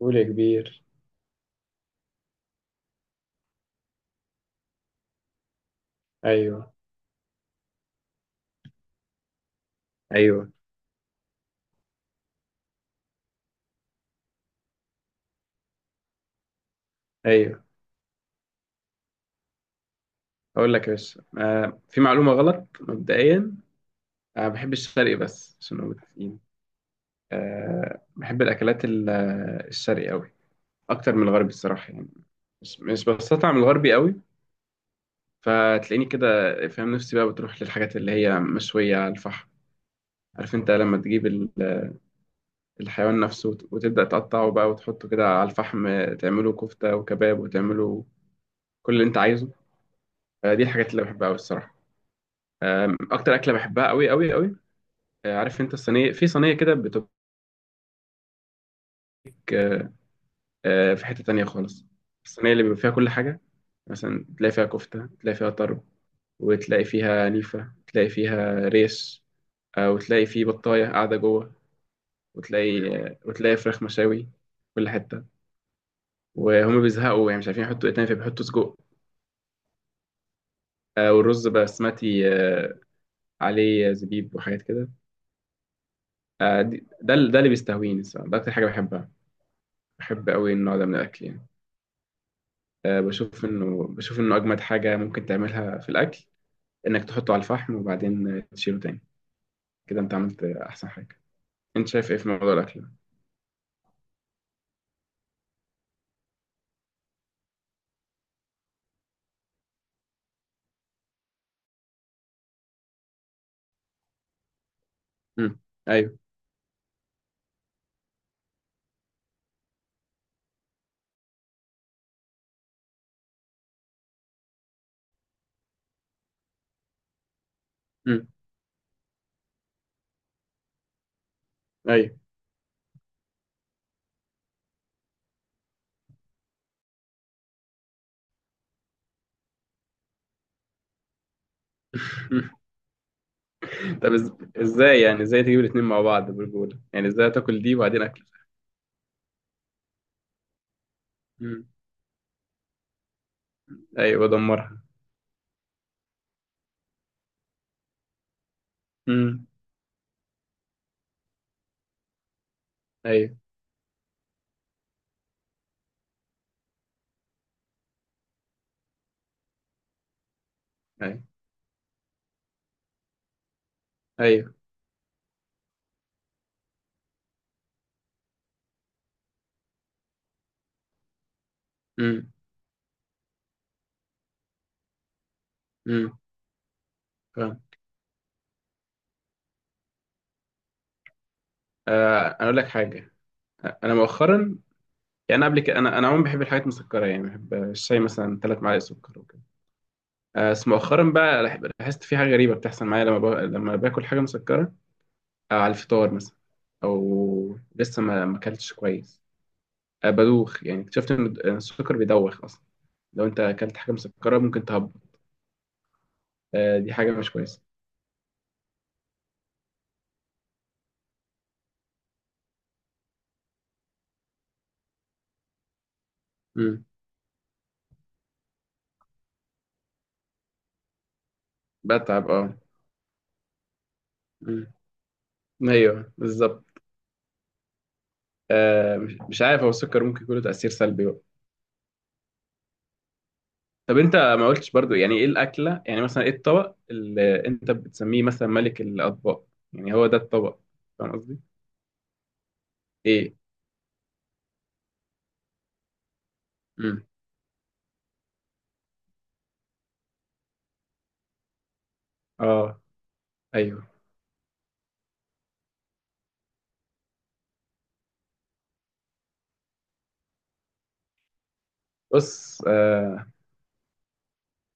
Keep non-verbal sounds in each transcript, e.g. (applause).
قول يا كبير. ايوه، ايوه، ايوه. اقول لك يا باشا، في معلومه غلط مبدئيا. انا ما بحبش الشرقي بس عشان نبقى متفقين. بحب الاكلات الشرقي قوي اكتر من الغربي الصراحه يعني. مش بستطعم الغربي قوي. فتلاقيني كده فاهم نفسي، بقى بتروح للحاجات اللي هي مشويه على الفحم. عارف انت لما تجيب الحيوان نفسه وتبدا تقطعه بقى وتحطه كده على الفحم، تعمله كفته وكباب وتعمله كل اللي انت عايزه. دي الحاجات اللي بحبها قوي الصراحه. اكتر اكله بحبها قوي قوي قوي، عارف انت الصينيه، في صينيه كده بتبقى. آه، في حته تانية خالص. الصينيه اللي بيبقى فيها كل حاجه، مثلا تلاقي فيها كفته، تلاقي فيها طرب، وتلاقي فيها نيفه، تلاقي فيها ريش، وتلاقي فيه بطايه قاعده جوه، وتلاقي، وتلاقي فراخ مشاوي، كل حته. وهم بيزهقوا يعني مش عارفين يحطوا ايه تاني فبيحطوا سجق، والرز بسمتي عليه زبيب وحاجات كده. ده اللي بيستهويني الصراحه، ده اكتر حاجه بحبها. بحب قوي النوع ده من الاكل يعني. بشوف انه، بشوف انه اجمد حاجه ممكن تعملها في الاكل انك تحطه على الفحم وبعدين تشيله تاني. كده انت عملت احسن حاجه. انت شايف ايه في موضوع الاكل ده؟ امم ايوه. امم ايوه. (laughs) طب ازاي يعني؟ ازاي تجيب الاتنين مع بعض برجوله يعني؟ ازاي تاكل دي وبعدين اكل؟ امم ايوه، بدمرها. امم ايوه ايوه. ايوه. امم امم فاهم. انا اقول لك حاجه. انا مؤخرا، يعني أنا قبل كده، انا عموما بحب الحاجات المسكره، يعني بحب الشاي مثلا ثلاث معالق سكر وكده. بس مؤخرا بقى لاحظت في حاجة غريبة بتحصل معايا لما لما باكل حاجة مسكرة، أو على الفطار مثلا، أو لسه ما أكلتش كويس، بدوخ. يعني اكتشفت إن السكر بيدوخ أصلا. لو أنت أكلت حاجة مسكرة ممكن تهبط. دي حاجة مش كويسة. مم. بتعب، أه. مم. أيوه بالظبط. مش عارف، هو السكر ممكن يكون له تأثير سلبي بقى. طب أنت ما قلتش برضو يعني إيه الأكلة، يعني مثلا إيه الطبق اللي أنت بتسميه مثلا ملك الأطباق؟ يعني هو ده الطبق؟ فاهم قصدي؟ إيه؟ اه، ايوه. بص، آه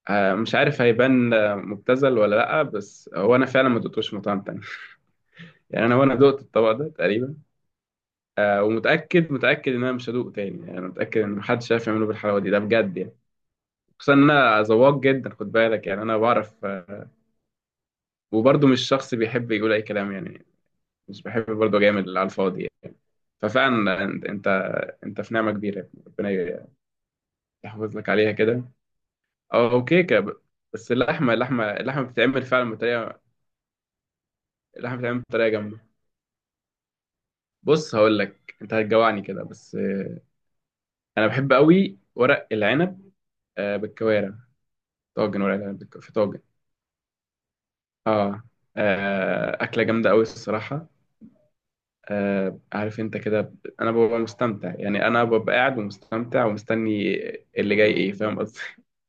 آه مش عارف هيبان مبتذل ولا لا، بس هو انا فعلا ما دقتوش مطعم تاني (laughs) يعني انا، وانا دقت الطبق ده تقريبا، آه، ومتاكد، ان انا مش هدوقه تاني. يعني انا متاكد ان محدش عارف يعمله بالحلاوه دي، ده بجد يعني. خصوصا ان انا ذواق جدا، خد بالك، يعني انا بعرف وبرضه مش شخص بيحب يقول اي كلام يعني. مش بحب برضه جامد على الفاضي يعني. ففعلا انت انت في نعمه كبيره يا ابني. ربنا يحفظ لك عليها كده. اه، وكيكه. بس اللحمه، اللحمه بتتعمل فعلا بطريقه، اللحمة بتتعمل بطريقة جامدة. بص هقول لك، انت هتجوعني كده بس. انا بحب قوي ورق العنب، بالكوارع. طاجن ورق العنب في طاجن. اه. اكلة جامدة قوي الصراحة. عارف انت كده، انا ببقى مستمتع، يعني انا ببقى قاعد ومستمتع ومستني اللي جاي ايه. فاهم قصدي؟ (laughs)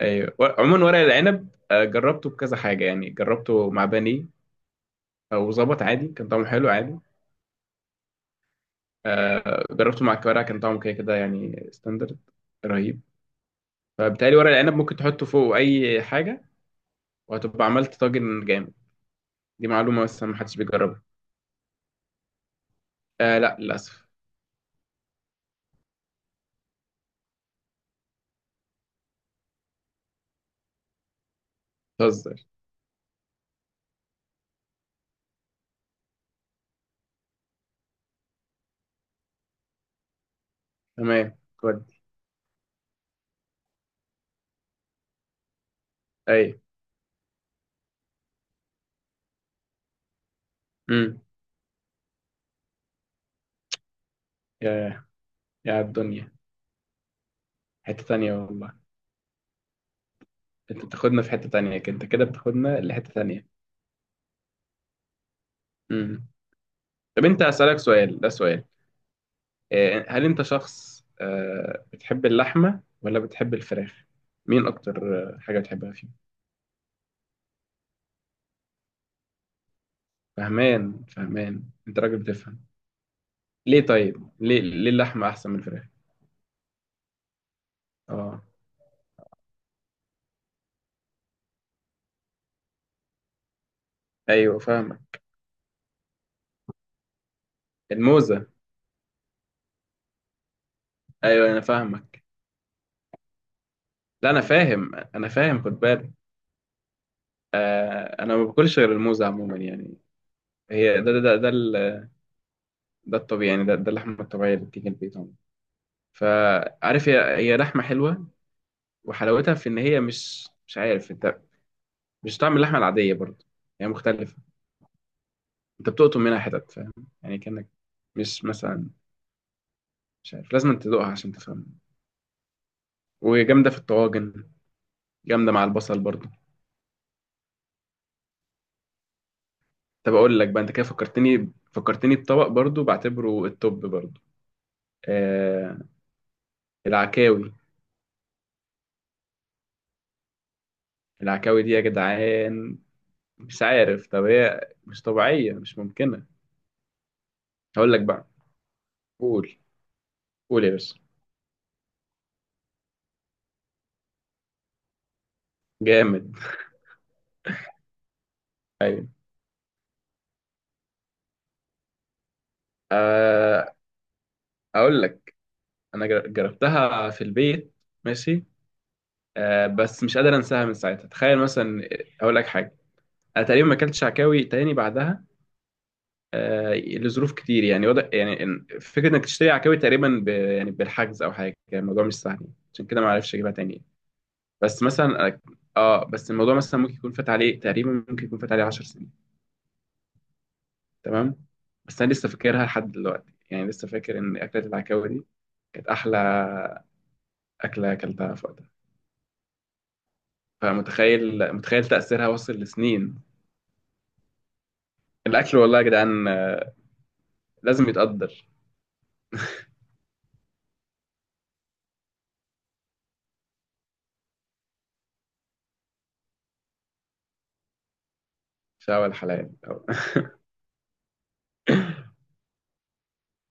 ايوه عموما ورق العنب جربته بكذا حاجة، يعني جربته مع بانيه وظبط عادي، كان طعمه حلو عادي. جربته مع الكوارع كان طعمه كده كده يعني، ستاندرد، رهيب. فبالتالي ورق العنب ممكن تحطه فوق اي حاجه وهتبقى عملت طاجن جامد. دي معلومه بس ما حدش بيجربها. آه، لا للاسف. بتهزر. تمام. ودي. اي. امم. يا، يا الدنيا. حته تانية والله. انت بتاخدنا في حته تانية كده، انت كده بتاخدنا لحته تانية. امم. طب انت، اسالك سؤال، ده سؤال. هل انت شخص بتحب اللحمه ولا بتحب الفراخ؟ مين اكتر حاجه بتحبها فيهم؟ فهمان، فهمان. انت راجل بتفهم. ليه؟ طيب ليه؟ ليه اللحمه احسن من الفراخ؟ اه. ايوه فاهمك. الموزه. ايوه، انا فاهمك. لا، انا فاهم، انا فاهم، خد بالك. انا ما باكلش غير الموزه عموما يعني. هي ده الطبيعي يعني. ده اللحمه الطبيعيه اللي بتيجي البيت عموما. فعارف، هي لحمه حلوه، وحلاوتها في ان هي، مش عارف انت، مش طعم اللحمه العاديه برضه، هي مختلفه. انت بتقطم منها حتت، فاهم، يعني كانك، مش مثلا، مش عارف، لازم تدوقها عشان تفهم. وجامده في الطواجن، جامده مع البصل برضه. طب اقول لك بقى، انت كده فكرتني، بطبق برضو بعتبره التوب برضو. آه، العكاوي. العكاوي دي يا جدعان، مش عارف، طب هي مش طبيعية، مش ممكنة. هقول لك بقى. قول. قول يا باشا. جامد. ايوه، آه اقول لك. انا جربتها في البيت ماشي. بس مش قادر انساها من ساعتها. تخيل مثلا، اقول لك حاجة، انا تقريبا ما اكلتش عكاوي تاني بعدها. لظروف كتير يعني، وضع يعني، فكرة انك تشتري عكاوي تقريبا يعني بالحجز او حاجة، يعني الموضوع مش سهل، عشان كده ما عرفش اجيبها تاني. بس مثلا، اه، بس الموضوع مثلا ممكن يكون فات عليه تقريبا، ممكن يكون فات عليه 10 سنين. تمام. بس انا لسه فاكرها لحد دلوقتي، يعني لسه فاكر ان اكلة العكاوي دي كانت احلى اكلة اكلتها في وقتها. فمتخيل، تأثيرها وصل لسنين. الاكل والله يا جدعان، لازم يتقدر. في اول حلال (laughs)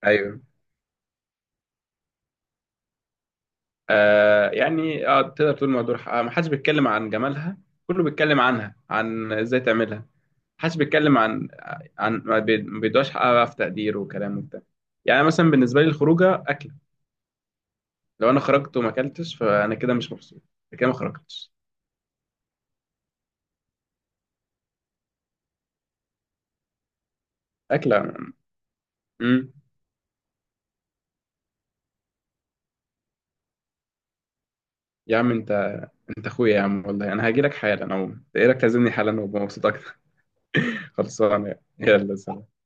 ايوه. تقدر تقول مهدور حقها. ما حدش بيتكلم عن جمالها، كله بيتكلم عنها عن ازاي تعملها. ما حدش بيتكلم عن، عن ما ما بيدوش حقها بقى في تقدير وكلام وبتاع. يعني مثلا بالنسبه لي الخروجه اكله، لو انا خرجت وما اكلتش فانا كده مش مبسوط، أنا كده ما خرجتش. اكله. امم. يا عم انت، انت اخويا يا عم والله، انا هاجي لك حالا، او ايه رايك تعزمني حالا وابقى مبسوط اكتر؟ (laughs) خلصانه يعني. يلا سلام.